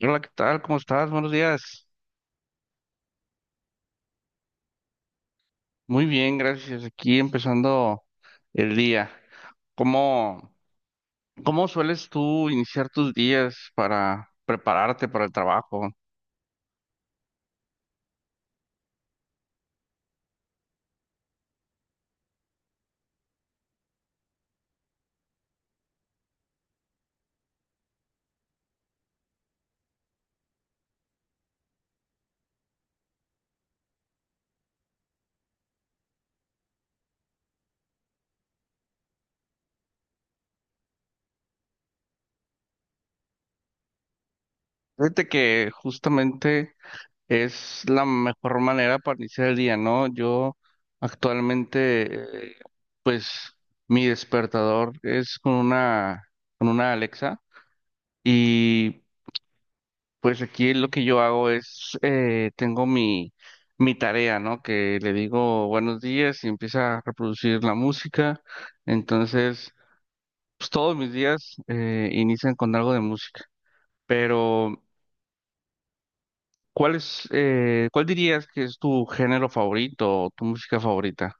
Hola, ¿qué tal? ¿Cómo estás? Buenos días. Muy bien, gracias. Aquí empezando el día. ¿Cómo, cómo sueles tú iniciar tus días para prepararte para el trabajo? Fíjate que justamente es la mejor manera para iniciar el día, ¿no? Yo actualmente, pues mi despertador es con una Alexa y pues aquí lo que yo hago es, tengo mi tarea, ¿no? Que le digo buenos días y empieza a reproducir la música. Entonces, pues todos mis días inician con algo de música. Pero, ¿cuál dirías que es tu género favorito o tu música favorita?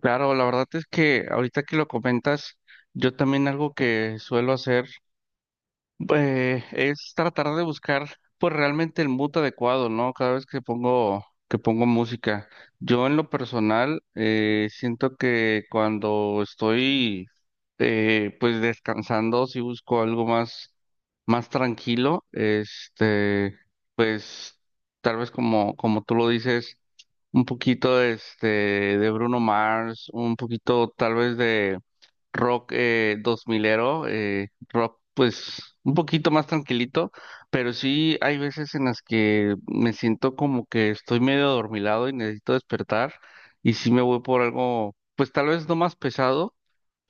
Claro, la verdad es que ahorita que lo comentas, yo también algo que suelo hacer es tratar de buscar pues realmente el mood adecuado, ¿no? Cada vez que pongo música. Yo en lo personal siento que cuando estoy pues descansando, si busco algo más tranquilo, pues tal vez como tú lo dices un poquito de Bruno Mars, un poquito tal vez de rock 2000ero, rock pues un poquito más tranquilito, pero sí hay veces en las que me siento como que estoy medio adormilado y necesito despertar y sí me voy por algo pues tal vez no más pesado,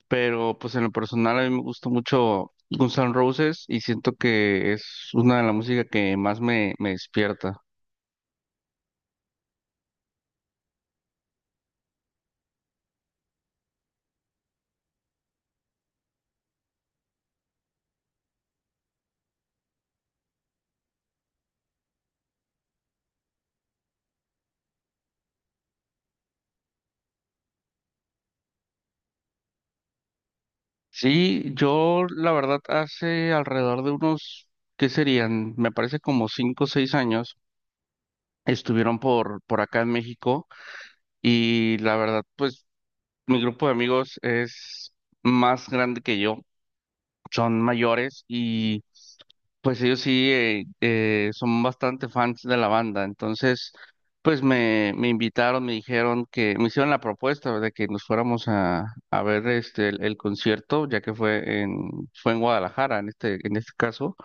pero pues en lo personal a mí me gusta mucho Guns N' Roses y siento que es una de las músicas que más me despierta. Sí, yo la verdad hace alrededor de unos, ¿qué serían? Me parece como 5 o 6 años, estuvieron por acá en México y la verdad, pues mi grupo de amigos es más grande que yo, son mayores. Pues ellos sí son bastante fans de la banda, entonces pues me invitaron, me dijeron que me hicieron la propuesta de que nos fuéramos a ver el concierto, ya que fue en Guadalajara en este caso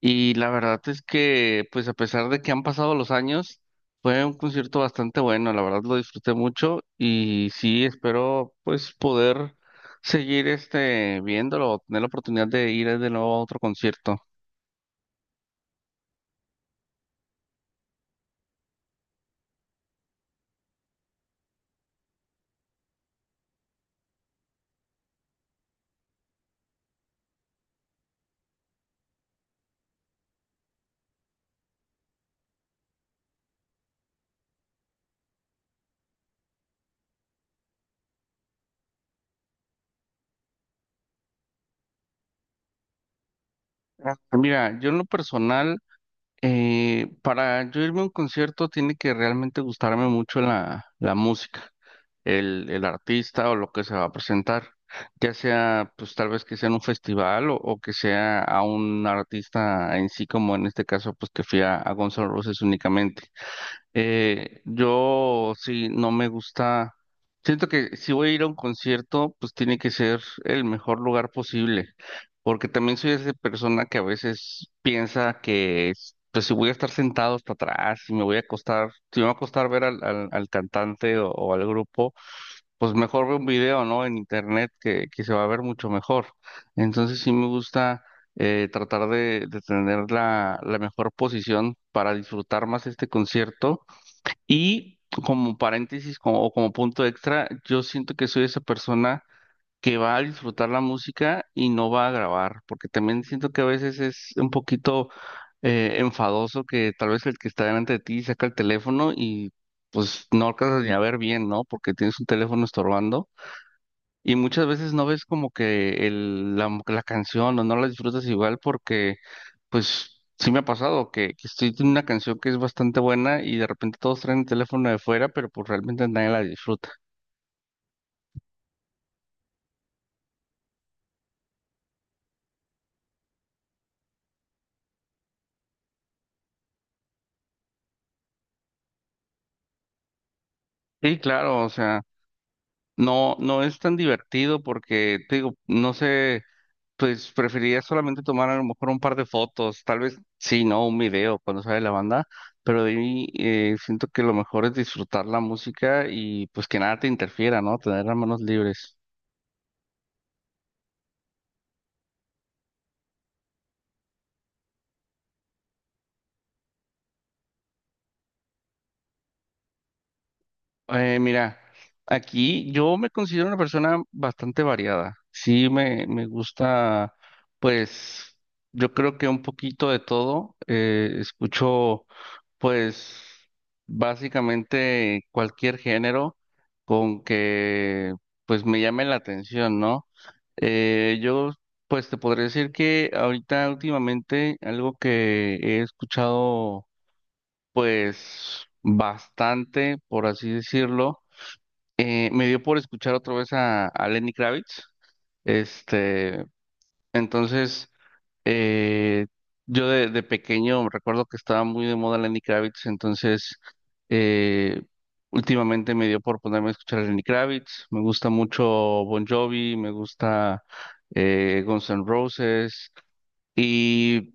y la verdad es que pues a pesar de que han pasado los años fue un concierto bastante bueno, la verdad lo disfruté mucho y sí espero pues poder seguir viéndolo, tener la oportunidad de ir de nuevo a otro concierto. Ah, mira, yo en lo personal, para yo irme a un concierto tiene que realmente gustarme mucho la música, el artista o lo que se va a presentar, ya sea pues tal vez que sea en un festival o que sea a un artista en sí, como en este caso pues que fui a Guns N' Roses únicamente. Yo sí, no me gusta. Siento que si voy a ir a un concierto, pues tiene que ser el mejor lugar posible, porque también soy esa persona que a veces piensa que, pues si voy a estar sentado hasta atrás, si me voy a acostar, si me va a costar ver al cantante o al grupo, pues mejor veo un video, ¿no? En internet que se va a ver mucho mejor. Entonces sí me gusta tratar de tener la mejor posición para disfrutar más este concierto y como paréntesis o como punto extra, yo siento que soy esa persona que va a disfrutar la música y no va a grabar, porque también siento que a veces es un poquito enfadoso que tal vez el que está delante de ti saca el teléfono y pues no alcanzas ni a ver bien, ¿no? Porque tienes un teléfono estorbando y muchas veces no ves como que la canción o no la disfrutas igual porque pues sí me ha pasado que estoy en una canción que es bastante buena y de repente todos traen el teléfono de fuera, pero pues realmente nadie la disfruta. Sí, claro, o sea, no, no es tan divertido porque, te digo, no sé, pues preferiría solamente tomar a lo mejor un par de fotos, tal vez sí, no, un video cuando sale la banda, pero de ahí siento que lo mejor es disfrutar la música y pues que nada te interfiera, ¿no? Tener las manos libres. Mira, aquí yo me considero una persona bastante variada. Sí, me gusta, pues, yo creo que un poquito de todo. Escucho, pues, básicamente cualquier género con que, pues, me llame la atención, ¿no? Yo, pues, te podría decir que ahorita últimamente algo que he escuchado, pues, bastante, por así decirlo me dio por escuchar otra vez a Lenny Kravitz. Este, entonces, eh, yo de pequeño recuerdo que estaba muy de moda Lenny Kravitz, entonces eh, últimamente me dio por ponerme a escuchar a Lenny Kravitz. Me gusta mucho Bon Jovi, me gusta Guns N' Roses y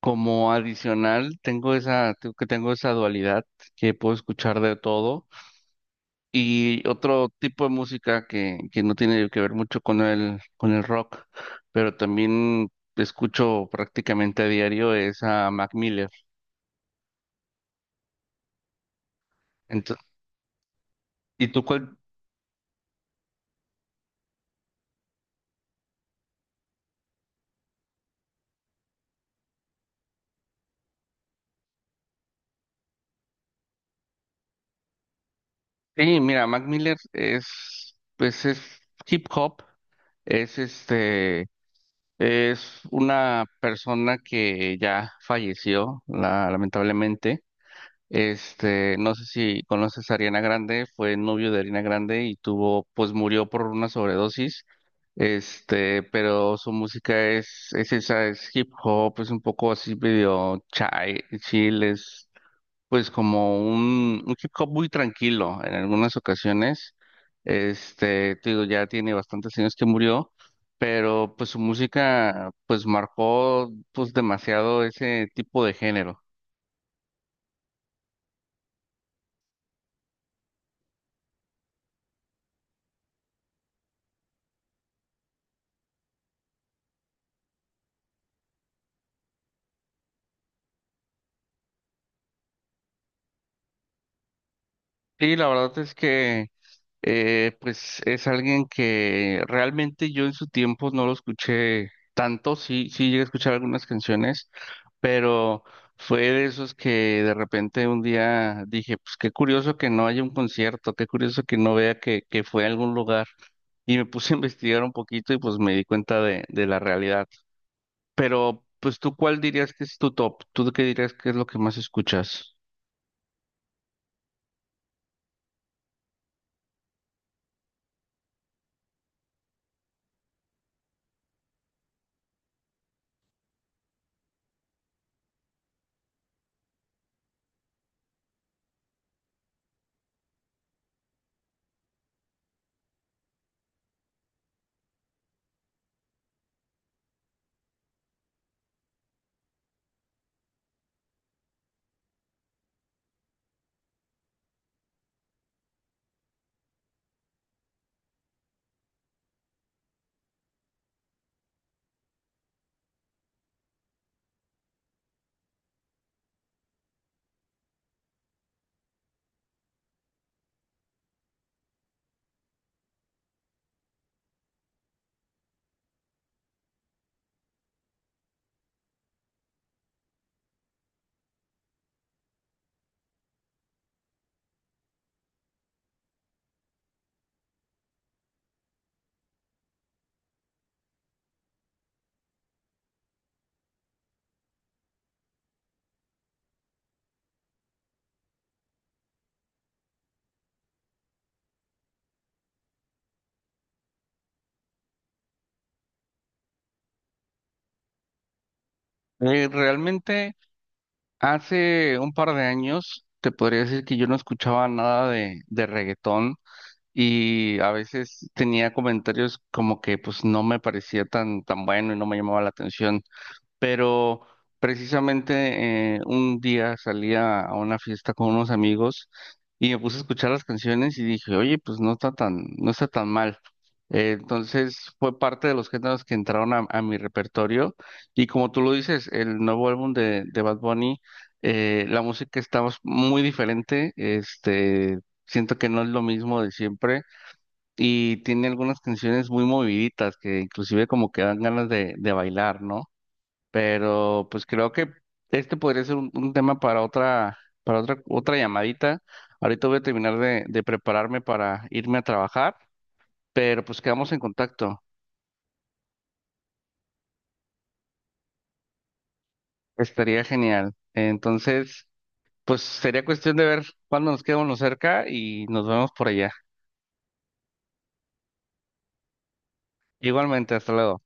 como adicional tengo esa dualidad que puedo escuchar de todo. Y otro tipo de música que no tiene que ver mucho con el rock, pero también escucho prácticamente a diario es a Mac Miller. Ento- ¿Y tú cuál? Sí, mira, Mac Miller es, pues es hip hop, es es una persona que ya falleció, lamentablemente. No sé si conoces a Ariana Grande, fue novio de Ariana Grande y pues murió por una sobredosis. Pero su música es esa, es hip hop, es un poco así medio chai, chill, es pues como un hip hop muy tranquilo en algunas ocasiones. Te digo, ya tiene bastantes años que murió, pero pues su música pues marcó pues demasiado ese tipo de género. Y la verdad es que pues es alguien que realmente yo en su tiempo no lo escuché tanto, sí, sí llegué a escuchar algunas canciones, pero fue de esos que de repente un día dije, pues qué curioso que no haya un concierto, qué curioso que no vea que fue a algún lugar. Y me puse a investigar un poquito y pues me di cuenta de la realidad. Pero, pues tú, ¿cuál dirías que es tu top? ¿Tú qué dirías que es lo que más escuchas? Realmente hace un par de años te podría decir que yo no escuchaba nada de reggaetón y a veces tenía comentarios como que pues no me parecía tan bueno y no me llamaba la atención, pero precisamente un día salí a una fiesta con unos amigos y me puse a escuchar las canciones y dije, oye, pues no está tan mal. Entonces fue parte de los géneros que entraron a mi repertorio y como tú lo dices, el nuevo álbum de Bad Bunny, la música estaba muy diferente, siento que no es lo mismo de siempre y tiene algunas canciones muy moviditas que inclusive como que dan ganas de bailar, ¿no? Pero pues creo que este podría ser un tema para otra llamadita. Ahorita voy a terminar de prepararme para irme a trabajar, pero pues quedamos en contacto. Estaría genial. Entonces, pues sería cuestión de ver cuándo nos quedamos cerca y nos vemos por allá. Igualmente, hasta luego.